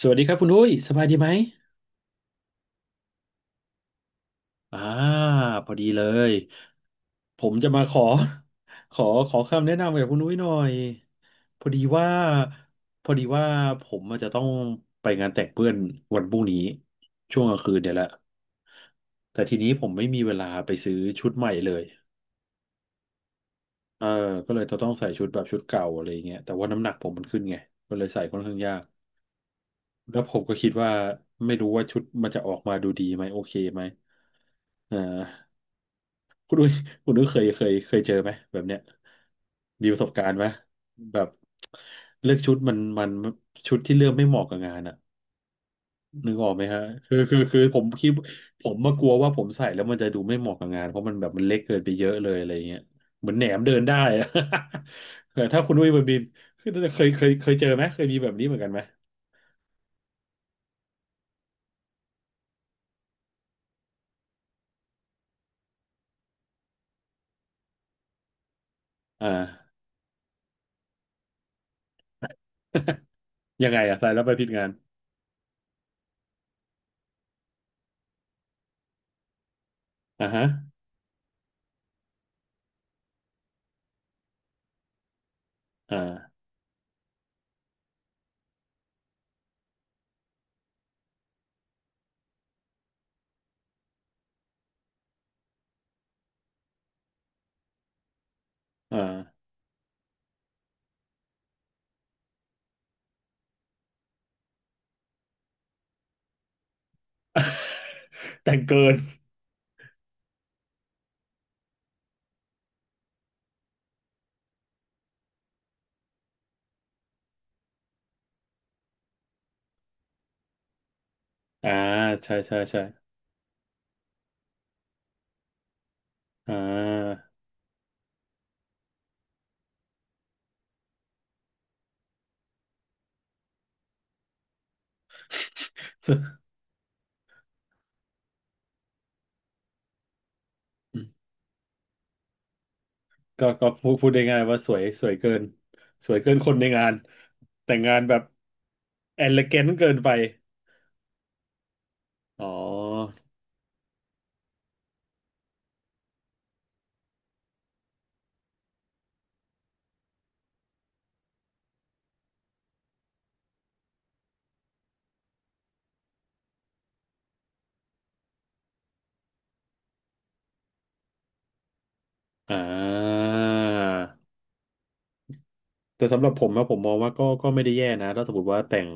สวัสดีครับคุณอุ้ยสบายดีไหมอ่าพอดีเลยผมจะมาขอขอคำแนะนำกับคุณอุ้ยหน่อยพอดีว่าพอดีว่าผมอาจจะต้องไปงานแต่งเพื่อนวันพรุ่งนี้ช่วงกลางคืนเนี่ยแหละแต่ทีนี้ผมไม่มีเวลาไปซื้อชุดใหม่เลยเออก็เลยจะต้องใส่ชุดแบบชุดเก่าอะไรอย่างเงี้ยแต่ว่าน้ำหนักผมมันขึ้นไงก็เลยใส่ค่อนข้างยากแล้วผมก็คิดว่าไม่รู้ว่าชุดมันจะออกมาดูดีไหมโอเคไหมอ่า คุณอุ้ยคุณอุ้ยเคยเจอไหมแบบเนี้ยมีประสบการณ์ไหมแบบเลือกชุดมันชุดที่เลือกไม่เหมาะกับงานอะนึกออกไหมฮะคือผมคิดผมมากลัวว่าผมใส่แล้วมันจะดูไม่เหมาะกับงานเพราะมันแบบมันเล็กเกินไปเยอะเลยอะไรเงี้ยเหมือนแหนมเดินได้อะ แต่ถ้าคุณอุ้ยมันบินคือเคยเจอไหมเคยมีแบบนี้เหมือนกันไหมอ่า ยังไงอะใส่แล้วไปผิดงานอ่าฮะอ่าอ่า แต่งเกินอ่าใช่ใช่ใช่ อ่า ซึ่งก็ก็พูดได้ง่ายว่าสวยสวยเกินสวยเกินคนในงานแต่งงานแบบเอ e เล a n น t เกินไปอ๋ออ่าแต่สำหรับผมนะผมมองว่าก็ก็ไม่ได้แย่นะถ้าสมมติว่าแต่ง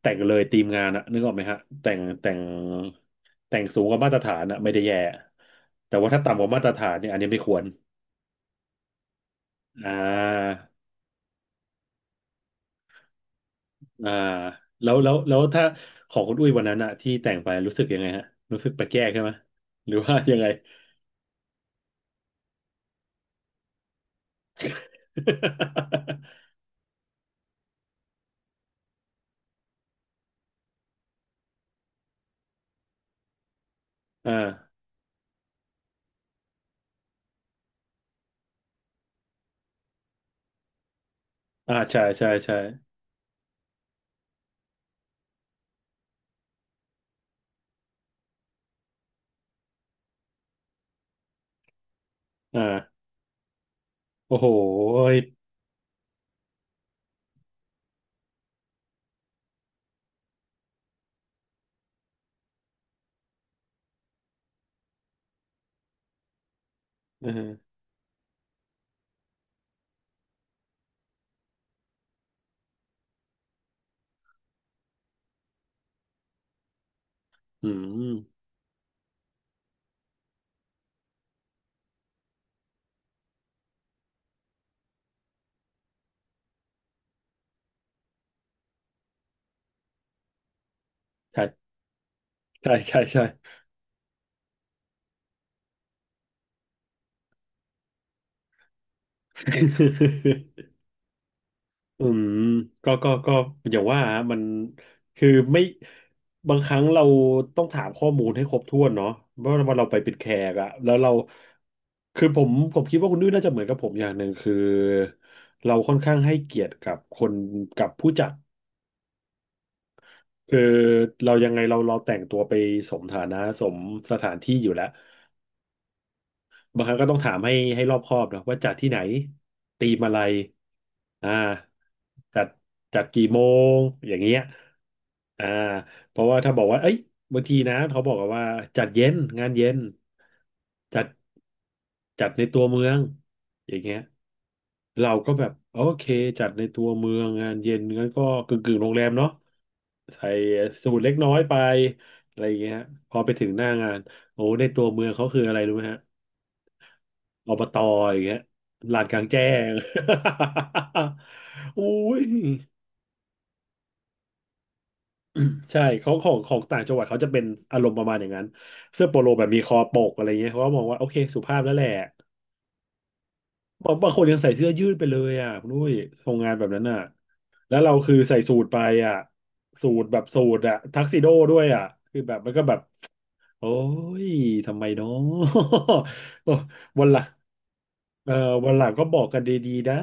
แต่งเลยทีมงานอะนึกออกไหมฮะแต่งแต่งแต่งสูงกว่ามาตรฐานอะไม่ได้แย่แต่ว่าถ้าต่ำกว่ามาตรฐานเนี่ยอันนี้ไม่ควรอ่า อ่าแล้วถ้าของคุณอุ้ยวันนั้นอะที่แต่งไปรู้สึกยังไงฮะรู้สึกแปลกแยกใช่ไหมหรือว่ายังไง อ่าอ่าใช่ใช่ใช่อ่าโอ้โหยเอออืมใช่ใช่ใช่ใช่ อืมก็ก็ก็อย่างว่าฮะมันคือไม่บางครั้งเราต้องถามข้อมูลให้ครบถ้วนเนาะเพราะว่าเราไปเป็นแขกอะแล้วเราคือผมคิดว่าคุณนุ้ยน่าจะเหมือนกับผมอย่างหนึ่งคือเราค่อนข้างให้เกียรติกับคนกับผู้จัดคือเรายังไงเราแต่งตัวไปสมฐานะสมสถานที่อยู่แล้ว บางครั้งก็ต้องถามให้รอบคอบเนอะว่าจัดที่ไหนตีมอะไรอ่าจัดจัดกี่โมงอย่างเงี้ยอ่าเพราะว่าถ้าบอกว่าเอ้ยบางทีนะเขาบอกกันว่าจัดเย็นงานเย็นจัดจัดในตัวเมืองอย่างเงี้ยเราก็แบบโอเคจัดในตัวเมืองงานเย็นงั้นก็กึ่งกึ่งโรงแรมเนาะใส่สูทเล็กน้อยไปอะไรอย่างเงี้ยพอไปถึงหน้างานโอ้ในตัวเมืองเขาคืออะไรรู้ไหมฮะ อบตอย่างเงี้ยลานกลางแจ้ง อุ้ยใช่ของต่างจังหวัดเขาจะเป็นอารมณ์ประมาณอย่างนั้นเสื้อโปโลแบบมีคอปกอะไรเงี้ยเขาก็มองว่าโอเคสุภาพแล้วแหละบางบางคนยังใส่เสื้อยืดไปเลยอ่ะคุณนุ้ยโรงงานแบบนั้นอ่ะแล้วเราคือใส่สูทไปอ่ะสูทแบบสูทอ่ะทักซิโดด้วยอ่ะคือแบบมันก็แบบโอ้ยทำไมเนาะ วันหลังเออวันหลังก็บอกกันดีๆนะ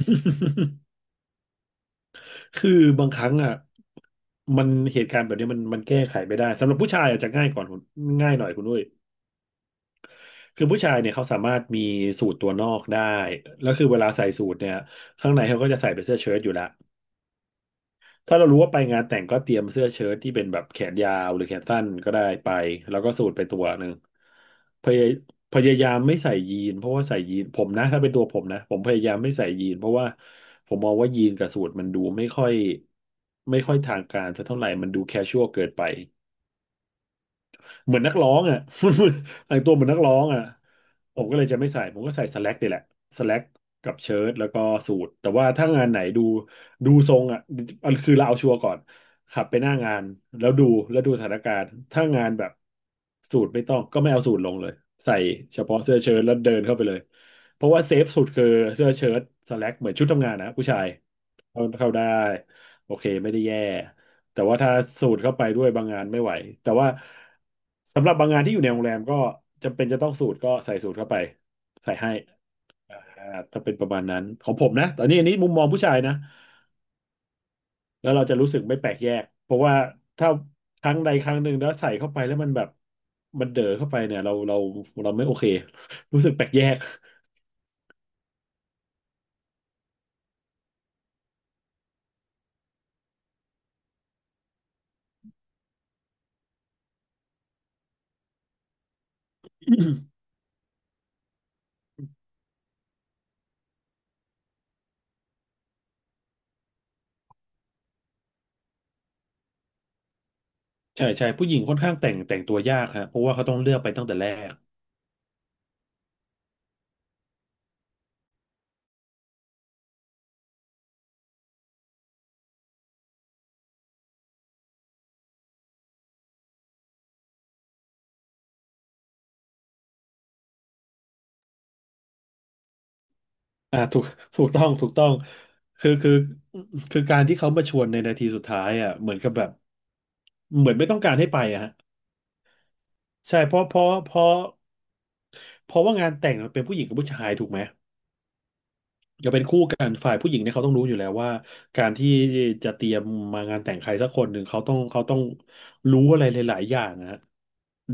คือบางครั้งอ่ะมันเหตุการณ์แบบนี้มันแก้ไขไม่ได้สำหรับผู้ชายอาจจะง่ายก่อนคุณง่ายหน่อยคุณด้วยคือผู้ชายเนี่ยเขาสามารถมีสูทตัวนอกได้แล้วคือเวลาใส่สูทเนี่ยข้างในเขาก็จะใส่เป็นเสื้อเชิ้ตอยู่ละ ถ้าเรารู้ว่าไปงานแต่งก็เตรียมเสื้อเชิ้ตที่เป็นแบบแขนยาวหรือแขนสั้นก็ได้ไปแล้วก็สูทไปตัวหนึ่งพยายพยายามไม่ใส่ยีนเพราะว่าใส่ยีนผมนะถ้าเป็นตัวผมนะผมพยายามไม่ใส่ยีนเพราะว่าผมมองว่ายีนกับสูทมันดูไม่ค่อยทางการสักเท่าไหร่มันดูแคชชวลเกินไป เหมือนนักร้องอ่ะ แต่งตัวเหมือนนักร้องอ่ะผมก็เลยจะไม่ใส่ผมก็ใส่สแล็กนี่แหละสแล็กกับเชิ้ตแล้วก็สูทแต่ว่าถ้างานไหนดูดูทรงอ่ะเอาคือเราเอาชัวร์ก่อนขับไปหน้างานแล้วดูแล้วดูสถานการณ์ถ้างานแบบสูทไม่ต้องก็ไม่เอาสูทลงเลยใส่เฉพาะเสื้อเชิ้ตแล้วเดินเข้าไปเลยเพราะว่าเซฟสุดคือเสื้อเชิ้ตสแล็กเหมือนชุดทำงานนะผู้ชายเข้าเข้าได้โอเคไม่ได้แย่ แต่ว่าถ้าสูดเข้าไปด้วยบางงานไม่ไหวแต่ว่าสำหรับบางงานที่อยู่ในโรงแรมก็จำเป็นจะต้องสูดก็ใส่สูดเข้าไปใส่ให้อ่าถ้าเป็นประมาณนั้นของผมนะตอนนี้อันนี้มุมมองผู้ชายนะแล้วเราจะรู้สึกไม่แปลกแยกเพราะว่าถ้าครั้งใดครั้งหนึ่งแล้วใส่เข้าไปแล้วมันแบบมันเด๋อเข้าไปเนี่ยเราเราไม่โอเค รู้สึกแปลกแยกใช่ใช่ผู้หญิงค่อนข้างแต่งตัวยากฮะเพราะว่าเขาต้องเลือกไปตั้งแต่แรก อ่าถูก ถูกต้องถูกต้องคือคือการที่เขามาชวนในนาทีสุดท้ายอ่ะเหมือนกับแบบเหมือนไม่ต้องการให้ไปอะฮะใช่เพราะเพราะว่างานแต่งมันเป็นผู้หญิงกับผู้ชายถูกไหม ก็เป็นคู่กันฝ่ายผู้หญิงเนี่ยเขาต้องรู้อยู่แล้วว่าการที่จะเตรียมมางานแต่งใครสักคนหนึ่งเขาต้องรู้อะไรหลายๆอย่างนะฮะ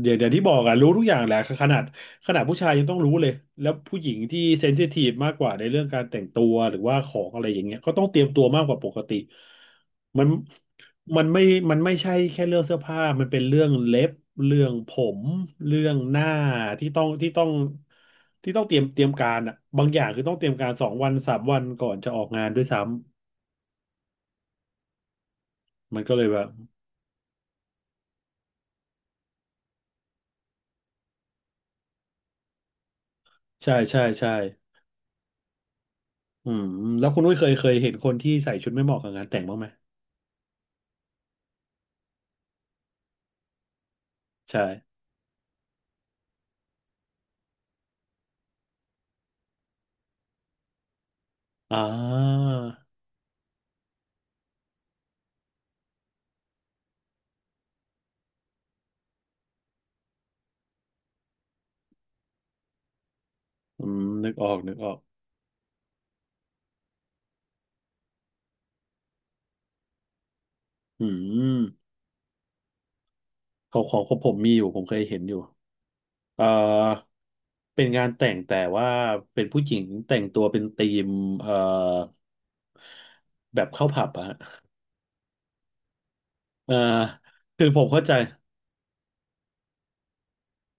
เดี๋ยวที่บอกอะรู้ทุกอย่างแหละขนาดขนาดผู้ชายยังต้องรู้เลยแล้วผู้หญิงที่เซนซิทีฟมากกว่าในเรื่องการแต่งตัวหรือว่าของอะไรอย่างเงี้ยก็ต้องเตรียมตัวมากกว่าปกติมันมันไม่มันไม่ใช่แค่เรื่องเสื้อผ้ามันเป็นเรื่องเล็บเรื่องผมเรื่องหน้าที่ต้องที่ต้อง ที่ต้องเตรียมการอ่ะบางอย่างคือต้องเตรียมการสองวันสามวันก่อนจะออกงานด้วยซ้ำมันก็เลยแบบใช่อืมแล้วคุณนุ้ยเคยเห็นคนที่ใส่ชุดไม่เหมาะกับงานแต่งบ้างไหมใช่อ่านึกออกนึกออกอืมของผมมีอยู่ผมเคยเห็นอยู่เอ่อเป็นงานแต่งแต่ว่าเป็นผู้หญิงแต่งตัวเป็นธีมเอ่อแบบเข้าผับอะฮะเอ่อคือผมเข้าใจ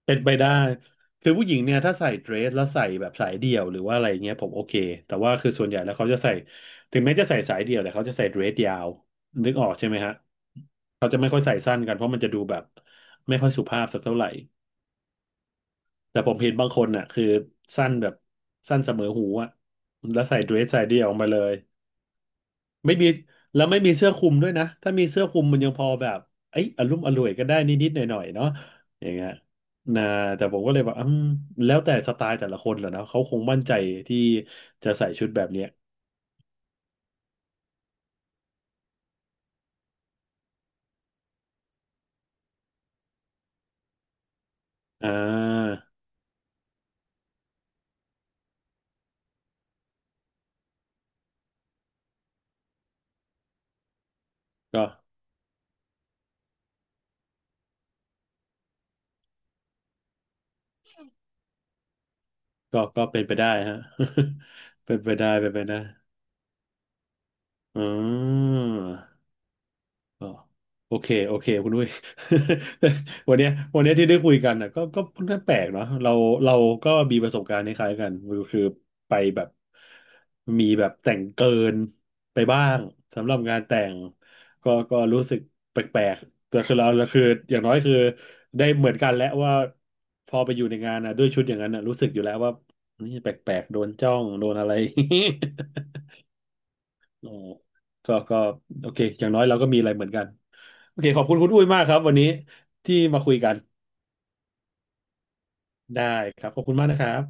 เป็นไปได้คือผู้หญิงเนี่ยถ้าใส่เดรสแล้วใส่แบบสายเดี่ยวหรือว่าอะไรเงี้ยผมโอเคแต่ว่าคือส่วนใหญ่แล้วเขาจะใส่ถึงแม้จะใส่สายเดี่ยวแต่เขาจะใส่เดรสยาวนึกออกใช่ไหมฮะเขาจะไม่ค่อยใส่สั้นกันเพราะมันจะดูแบบไม่ค่อยสุภาพสักเท่าไหร่แต่ผมเห็นบางคนน่ะคือสั้นแบบสั้นเสมอหูอะแล้วใส่เดรสสายเดี่ยวออกมาเลย ไม่มีไม่มีเสื้อคลุมด้วยนะถ้ามีเสื้อคลุมมันยังพอแบบเอ้ยอลุ่มอร่วยก็ได้นิดๆหน่อยๆเนาะอย่างเงี้ยนะแต่ผมก็เลยแบบอืมแล้วแต่สไตล์แต่ละคนแหละเนาะเขาคงมั่นใจที่จะใส่ชุดแบบเนี้ยอ่าก็ก็เป็นไปได้ฮะ เป็นไปได้เป็นไปได้อืม อ๋อโอเคโอเคคุณด้วย วันเนี้ยวันเนี้ยที่ได้คุยกันน่ะก็ค่อนข้างแปลกเนาะเราก็มีประสบการณ์คล้ายๆกันก็คือไปแบบมีแบบแต่งเกินไปบ้างสำหรับงานแต่งก็รู้สึกแปลกๆแต่คือเราคืออย่างน้อยคือได้เหมือนกันแล้วว่าพอไปอยู่ในงานน่ะด้วยชุดอย่างนั้นน่ะรู้สึกอยู่แล้วว่านี่แปลกๆโดนจ้องโดนอะไร อ๋อก็โอเคอย่างน้อยเราก็มีอะไรเหมือนกัน โอเค ขอบคุณคุณอุ้ยมากครับวันนี้ ที่มาคุยกันได้ครับ ขอบคุณมากนะครับ